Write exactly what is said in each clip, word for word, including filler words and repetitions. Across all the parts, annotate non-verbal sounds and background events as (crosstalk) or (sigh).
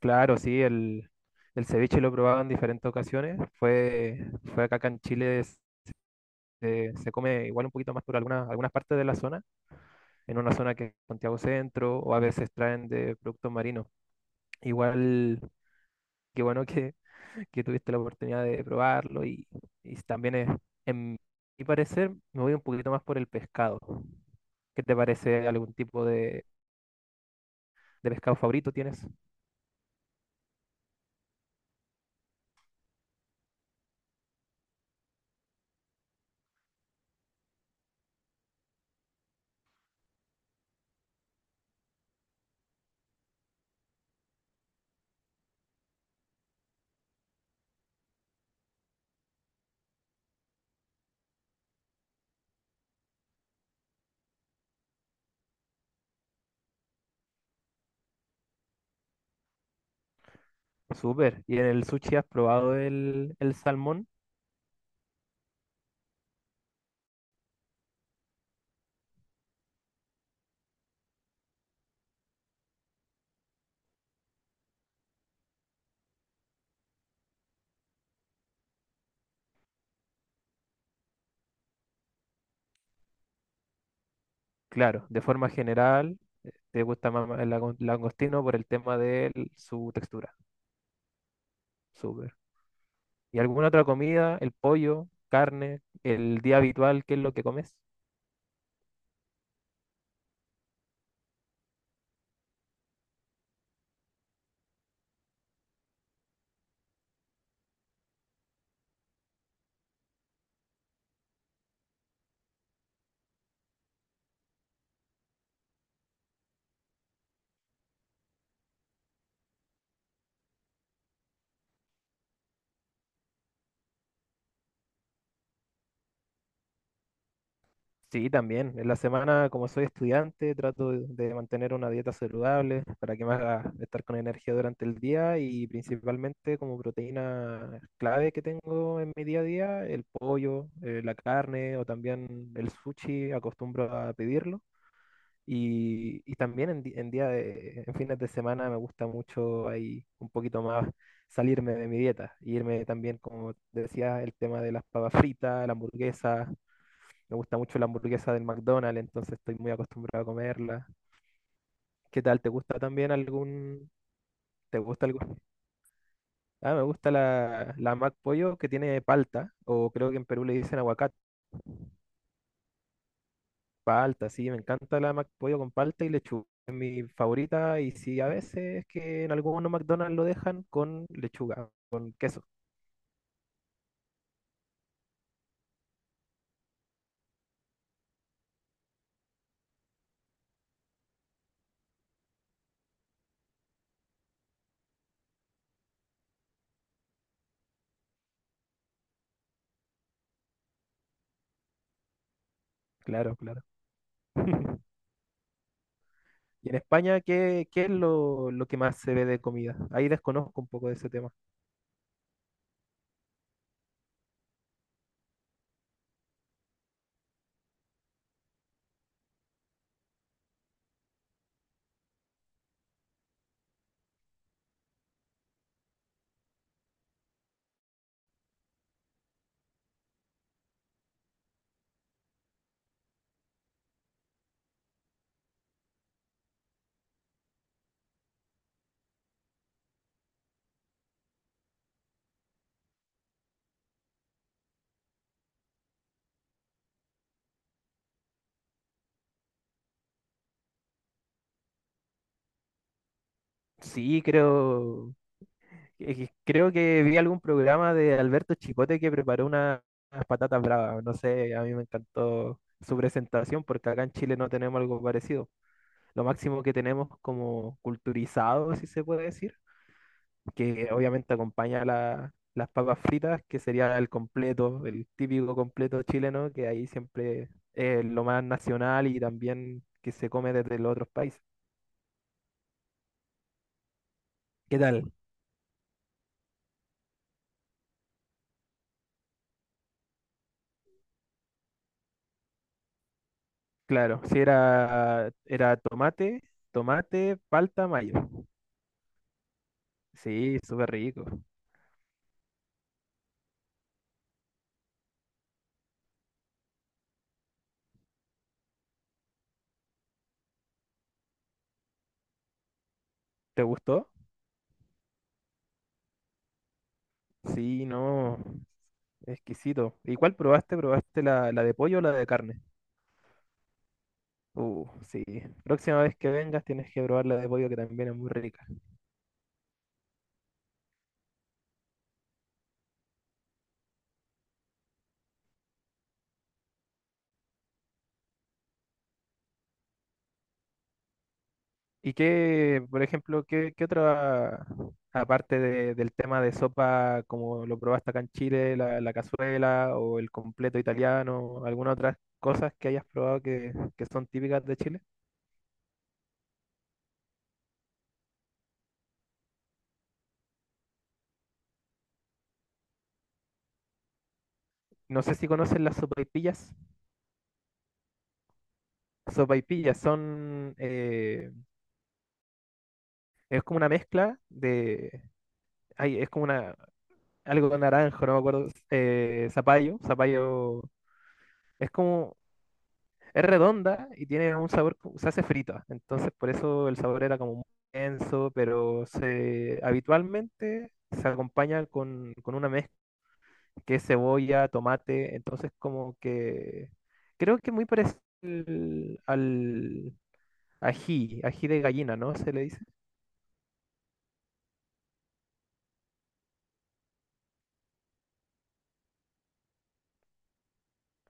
Claro, sí, el, el ceviche lo he probado en diferentes ocasiones. Fue, fue acá, acá en Chile, es- eh, se come igual un poquito más por algunas, algunas partes de la zona, en una zona que es Santiago Centro, o a veces traen de productos marinos. Igual, qué bueno que, que tuviste la oportunidad de probarlo y, y también es, en mi parecer, me voy un poquito más por el pescado. ¿Qué te parece? ¿Algún tipo de, de pescado favorito tienes? Súper. ¿Y en el sushi has probado el, el salmón? Claro, de forma general, eh, te gusta más más el lago- langostino por el tema de el- su textura. Súper. ¿Y alguna otra comida? ¿El pollo, carne, el día habitual, qué es lo que comes? Sí, también. En la semana, como soy estudiante, trato de de mantener una dieta saludable para que me haga estar con energía durante el día y principalmente como proteína clave que tengo en mi día a día, el pollo, eh, la carne o también el sushi, acostumbro a pedirlo. Y, y también en, di- en día de- en fines de semana me gusta mucho ahí un poquito más salirme de mi dieta, e irme también, como decía, el tema de las papas fritas, la hamburguesa. Me gusta mucho la hamburguesa del McDonald's, entonces estoy muy acostumbrado a comerla. ¿Qué tal? ¿Te gusta también algún... ¿Te gusta algún... Ah, me gusta la, la Mac Pollo que tiene palta, o creo que en Perú le dicen aguacate. Palta, sí, me encanta la McPollo con palta y lechuga. Es mi favorita y sí, a veces es que en algunos McDonald's lo dejan con lechuga, con queso. Claro, claro. (laughs) Y en España, ¿qué, ¿qué es lo, lo que más se ve de comida? Ahí desconozco un poco de ese tema. Sí, creo, es que creo que vi algún programa de Alberto Chicote que preparó una- unas patatas bravas. No sé, a mí me encantó su presentación porque acá en Chile no tenemos algo parecido. Lo máximo que tenemos como culturizado, si se puede decir, que obviamente acompaña la- las papas fritas, que sería el completo, el típico completo chileno, que ahí siempre es lo más nacional y también que se come desde los otros países. ¿Qué tal? Claro, sí era, era tomate, tomate, palta, mayo. Sí, súper rico. ¿Te gustó? Sí, no, exquisito. ¿Y cuál probaste? ¿Probaste la, la de pollo o la de carne? Uh, sí. Próxima vez que vengas tienes que probar la de pollo que también es muy rica. ¿Y qué, por ejemplo, qué, qué otra, aparte de- del tema de sopa, como lo probaste acá en Chile, la, la cazuela o el completo italiano, alguna otras cosas que hayas probado que, que son típicas de Chile? No sé si conocen las sopaipillas. Sopaipillas son, eh, es como una mezcla de, ay, es como una, algo naranjo, no me acuerdo, eh, zapallo, zapallo. Es como... Es redonda y tiene un sabor, como- se hace frita, entonces por eso el sabor era como muy denso, pero se, habitualmente se acompaña con, con una mezcla que es cebolla, tomate, entonces como que creo que muy parecido al, al ají, ají de gallina, ¿no? Se le dice.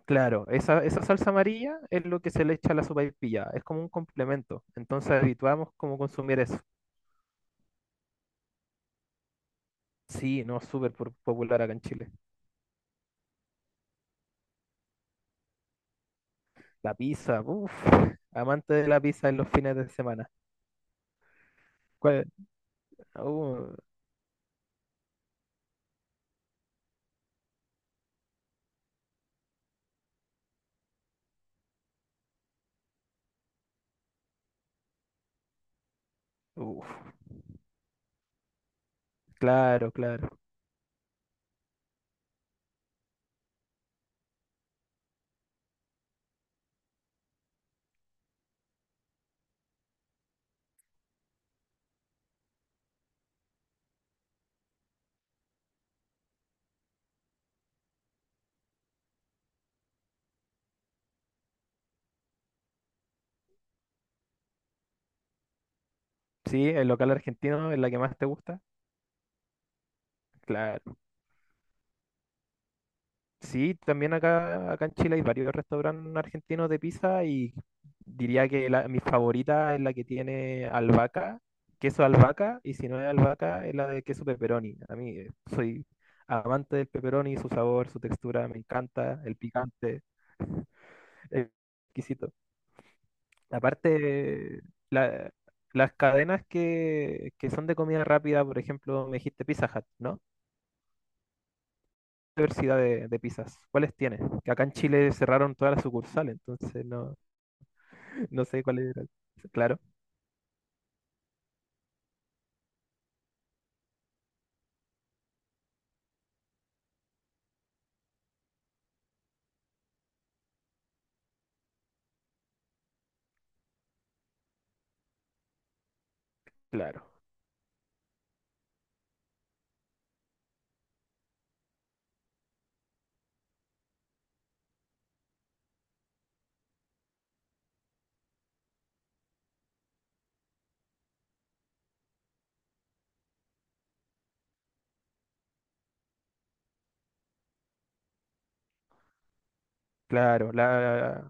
Claro, esa, esa salsa amarilla es lo que se le echa a la sopaipilla, es como un complemento, entonces habituamos como consumir eso. Sí, no, súper po- popular acá en Chile. La pizza, uff. Amante de la pizza en los fines de semana. ¿Cuál? Uh, uf. Claro, claro. Sí, el local argentino es la que más te gusta. Claro. Sí, también acá, acá en Chile hay varios restaurantes argentinos de pizza y diría que la, mi favorita es la que tiene albahaca, queso albahaca, y si no es albahaca, es la de queso pepperoni. A mí eh, soy amante del pepperoni, su sabor, su textura, me encanta, el picante, es exquisito. Aparte, la- las cadenas que, que son de comida rápida, por ejemplo, me dijiste Pizza Hut, ¿no? ¿Qué diversidad de, de pizzas? ¿Cuáles tienes? Que acá en Chile cerraron todas las sucursales, entonces no, (laughs) no sé cuáles eran. Claro, claro, claro. La,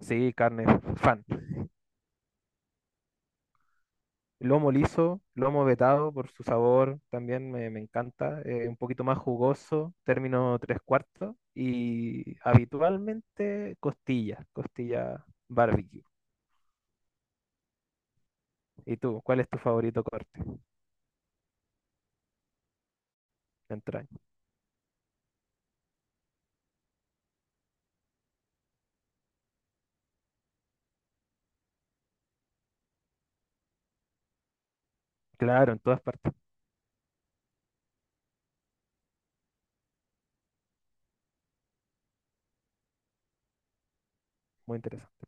sí, carne, fan. Lomo liso, lomo vetado por su sabor, también me, me encanta. eh, un poquito más jugoso, término tres cuartos. Y habitualmente costilla, costilla barbecue. ¿Y tú? ¿Cuál es tu favorito corte de entraña? Claro, en todas partes. Muy interesante.